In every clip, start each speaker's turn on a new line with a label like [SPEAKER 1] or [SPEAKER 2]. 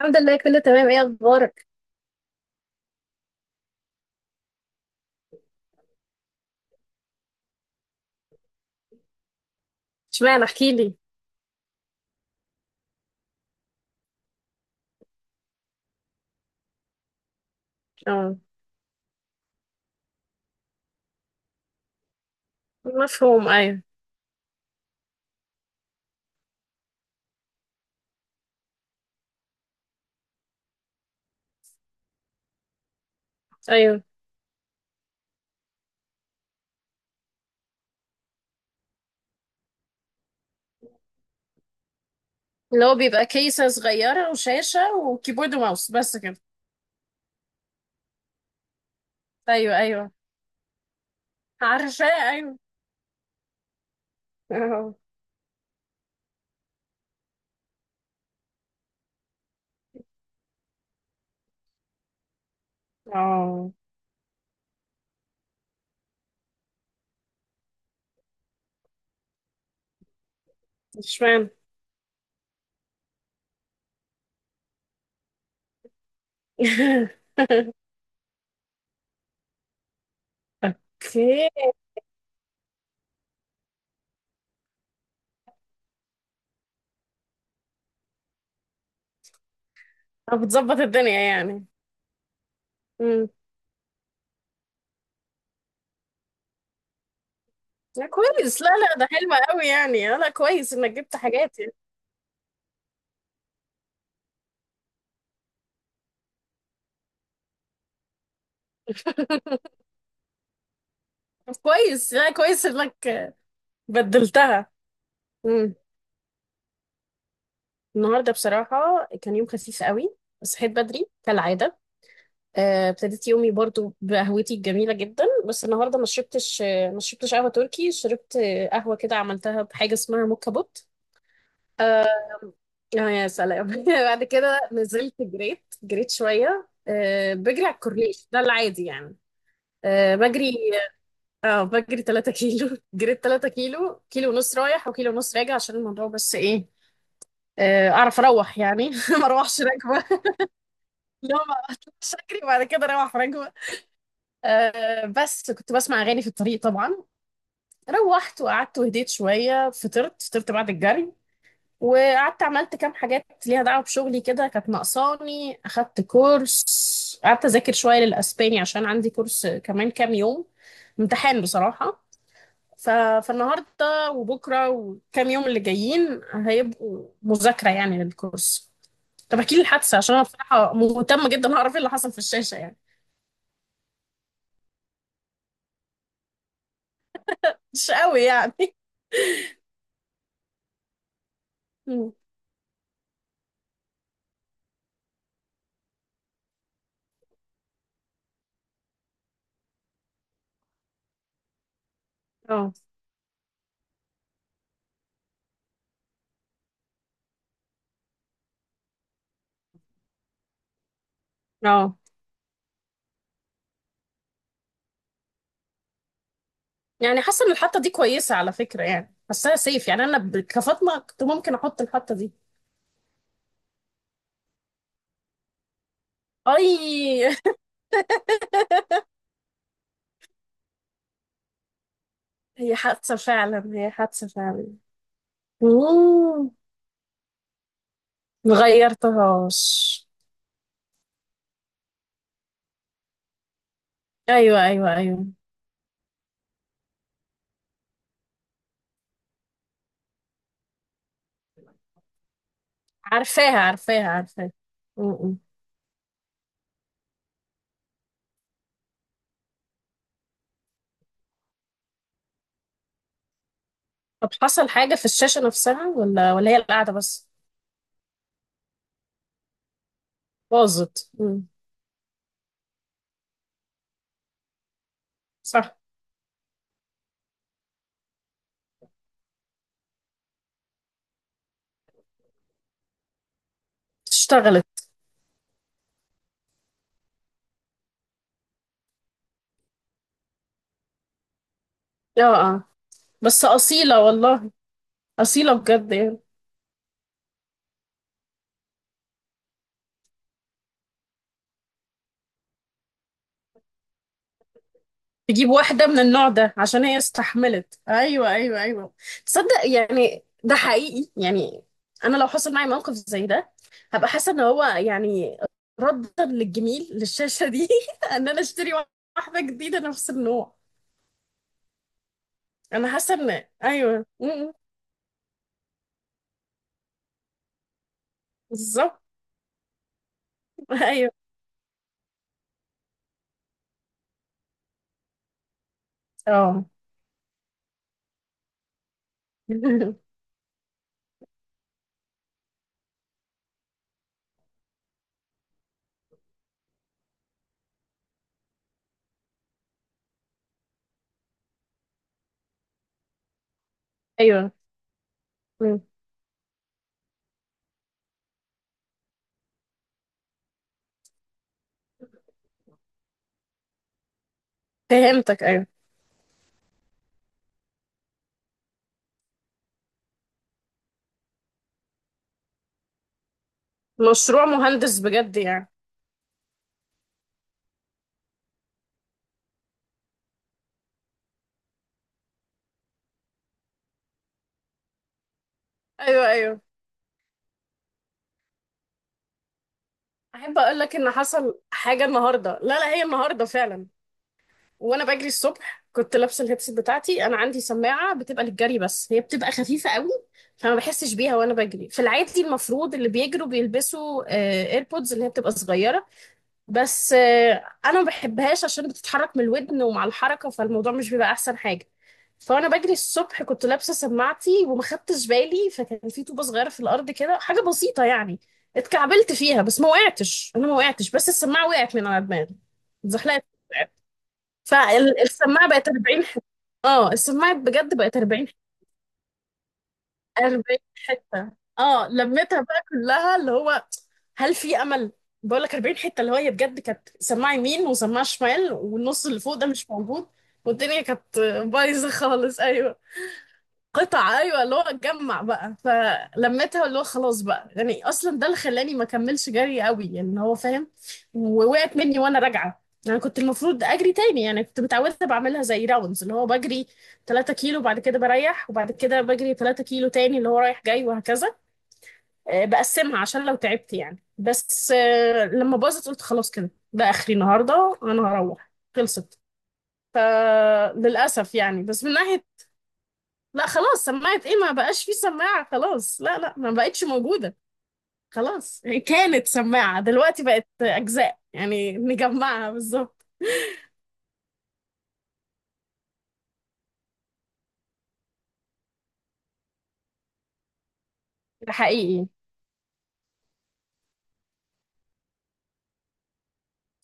[SPEAKER 1] الحمد لله كله تمام. ايه اخبارك؟ اشمعنى احكي لي. اه. مفهوم، ايوه. ايوه، اللي هو بيبقى كيسة صغيرة وشاشة وكيبورد وماوس بس كده. ايوه ايوه. عارفة، ايوه. اه اه. اشمعنى؟ اوكي. بتظبط الدنيا يعني. امم لا كويس، لا لا، ده حلو قوي يعني، لا كويس انك جبت حاجات يعني. كويس، لا كويس انك بدلتها. النهارده بصراحة كان يوم خفيف قوي. صحيت بدري كالعادة. ابتديت يومي برضو بقهوتي الجميلة جدا، بس النهارده ما شربتش، ما شربتش قهوة تركي، شربت قهوة كده عملتها بحاجة اسمها موكا بوت. اه. يا سلام. بعد كده نزلت، جريت، جريت شوية، بجري على الكورنيش ده العادي يعني. آه، بجري اه بجري 3 كيلو. جريت 3 كيلو، كيلو ونص رايح وكيلو ونص راجع عشان الموضوع، بس ايه، اعرف اروح يعني. ما اروحش راكبه. لا ما اطلعش اجري بعد كده اروح راكبه. أه، بس كنت بسمع اغاني في الطريق طبعا. روحت وقعدت وهديت شويه، فطرت بعد الجري. وقعدت عملت كام حاجات ليها دعوه بشغلي كده، كانت ناقصاني. اخدت كورس، قعدت اذاكر شويه للاسباني عشان عندي كورس كمان كام يوم امتحان بصراحه. ف... فالنهارده وبكره وكام يوم اللي جايين هيبقوا مذاكره يعني للكورس. طب احكي لي الحادثه عشان انا بصراحه مهتمه جدا اعرف ايه اللي حصل في الشاشه يعني. مش قوي يعني. مم. اه اه، يعني حاسه ان الحطه دي كويسه على فكره، يعني حاساها سيف يعني، انا كفاطمه كنت ممكن احط الحطه دي. اي. هي حادثه فعلا، هي حادثه فعلا. مم. مغيرتهاش. ايوه ايوه ايوه. عارفاها عارفاها عارفاها. مم. طب حصل حاجه في الشاشه نفسها، ولا هي القعده بس؟ باظت. مم. صح. اشتغلت. اه اه، بس اصيله والله. اصيله بجد يعني. تجيب واحدة من النوع ده عشان هي استحملت. ايوه ايوه ايوه. تصدق يعني ده حقيقي يعني. انا لو حصل معايا موقف زي ده هبقى حاسة ان هو يعني ردا للجميل للشاشة دي، ان انا اشتري واحدة جديدة نفس النوع. انا حاسة ان، ايوه. م- م. بالظبط. ايوه. اه. ايوه. م. فهمتك، ايوه. مشروع مهندس بجد يعني. ايوه ايوه. احب اقول لك ان حصل حاجه النهارده، لا لا، هي النهارده فعلا، وانا بجري الصبح كنت لابسه الهيدسيت بتاعتي. انا عندي سماعه بتبقى للجري بس هي بتبقى خفيفه قوي، فما بحسش بيها وانا بجري. في العادي المفروض اللي بيجروا بيلبسوا ايربودز، اللي هي بتبقى صغيره، بس انا ما بحبهاش عشان بتتحرك من الودن، ومع الحركه فالموضوع مش بيبقى احسن حاجه. فانا بجري الصبح كنت لابسه سماعتي وما خدتش بالي، فكان في طوبه صغيره في الارض كده، حاجه بسيطه يعني، اتكعبلت فيها، بس ما وقعتش، انا ما وقعتش، بس السماعه وقعت من على دماغي، اتزحلقت، فالسماعة بقت 40 حتة. اه، السماعة بجد بقت 40 حتة. 40 حتة. اه، لميتها بقى كلها اللي هو. هل في امل؟ بقول لك 40 حتة. اللي هو هي بجد كانت سماعة يمين وسماعة شمال، والنص اللي فوق ده مش موجود، والدنيا كانت بايظة خالص، ايوه. قطع، ايوه، اللي هو اتجمع بقى فلمتها، اللي هو خلاص بقى يعني. اصلا ده اللي خلاني ما كملش جري قوي يعني، هو فاهم، ووقعت مني وانا راجعه. يعني كنت المفروض اجري تاني، يعني كنت متعوده بعملها زي راوندز، اللي هو بجري 3 كيلو وبعد كده بريح وبعد كده بجري 3 كيلو تاني، اللي هو رايح جاي وهكذا. بقسمها عشان لو تعبت يعني، بس لما باظت قلت خلاص كده، ده اخري النهارده، انا هروح خلصت. فللاسف يعني، بس من ناحيه. لا خلاص، سماعة ايه، ما بقاش في سماعة خلاص، لا لا، ما بقتش موجودة. خلاص يعني، كانت سماعة دلوقتي بقت أجزاء يعني نجمعها بالظبط. ده حقيقي.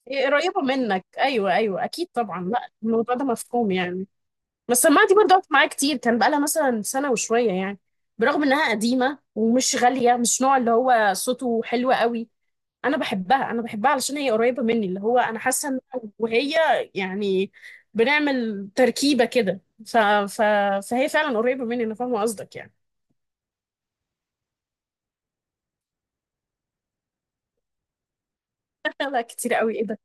[SPEAKER 1] إيه قريبة منك، أيوة أيوة، أكيد طبعا، لا الموضوع ده مفهوم يعني. بس السماعة دي برضه قعدت معايا كتير، كان بقالها مثلا سنة وشوية يعني، برغم إنها قديمة ومش غالية، مش نوع اللي هو صوته حلو قوي. انا بحبها، انا بحبها علشان هي قريبه مني، اللي هو انا حاسه ان أنا وهي يعني بنعمل تركيبه كده، ف... ف... فهي فعلا قريبه مني، انا فاهمه قصدك يعني. لا كتير قوي، ايه ده؟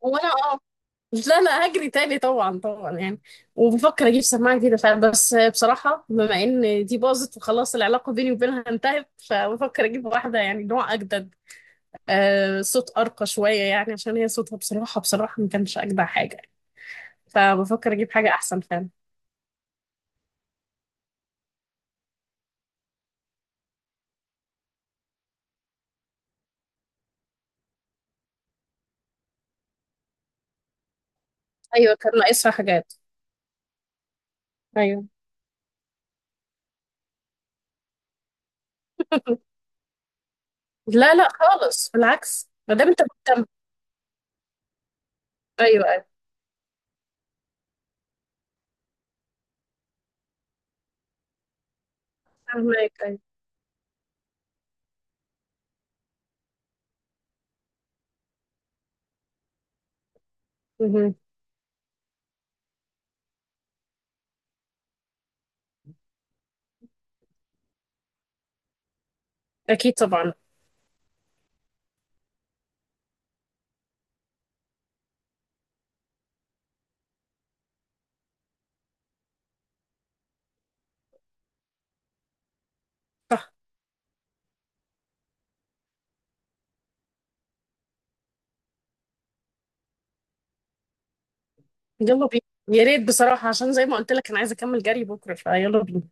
[SPEAKER 1] وانا، اه، لا لا هجري تاني طبعا طبعا يعني، وبفكر اجيب سماعه جديده فعلا. بس بصراحه بما ان دي باظت وخلاص، العلاقه بيني وبينها انتهت، فبفكر اجيب واحده يعني نوع اجدد، آه، صوت ارقى شويه يعني، عشان هي صوتها بصراحه ما كانش اجدع حاجه، فبفكر اجيب حاجه احسن فعلا. ايوه كان ناقصها حاجات. ايوه. لا لا خالص، بالعكس، ما دام انت مهتم. ايوه ايوه. فهمك، ايوه. مهم. اكيد طبعا. صح. يلا بينا. يا ريت بصراحه، عشان زي ما قلت لك انا عايزه اكمل جري بكره، فيلا بينا.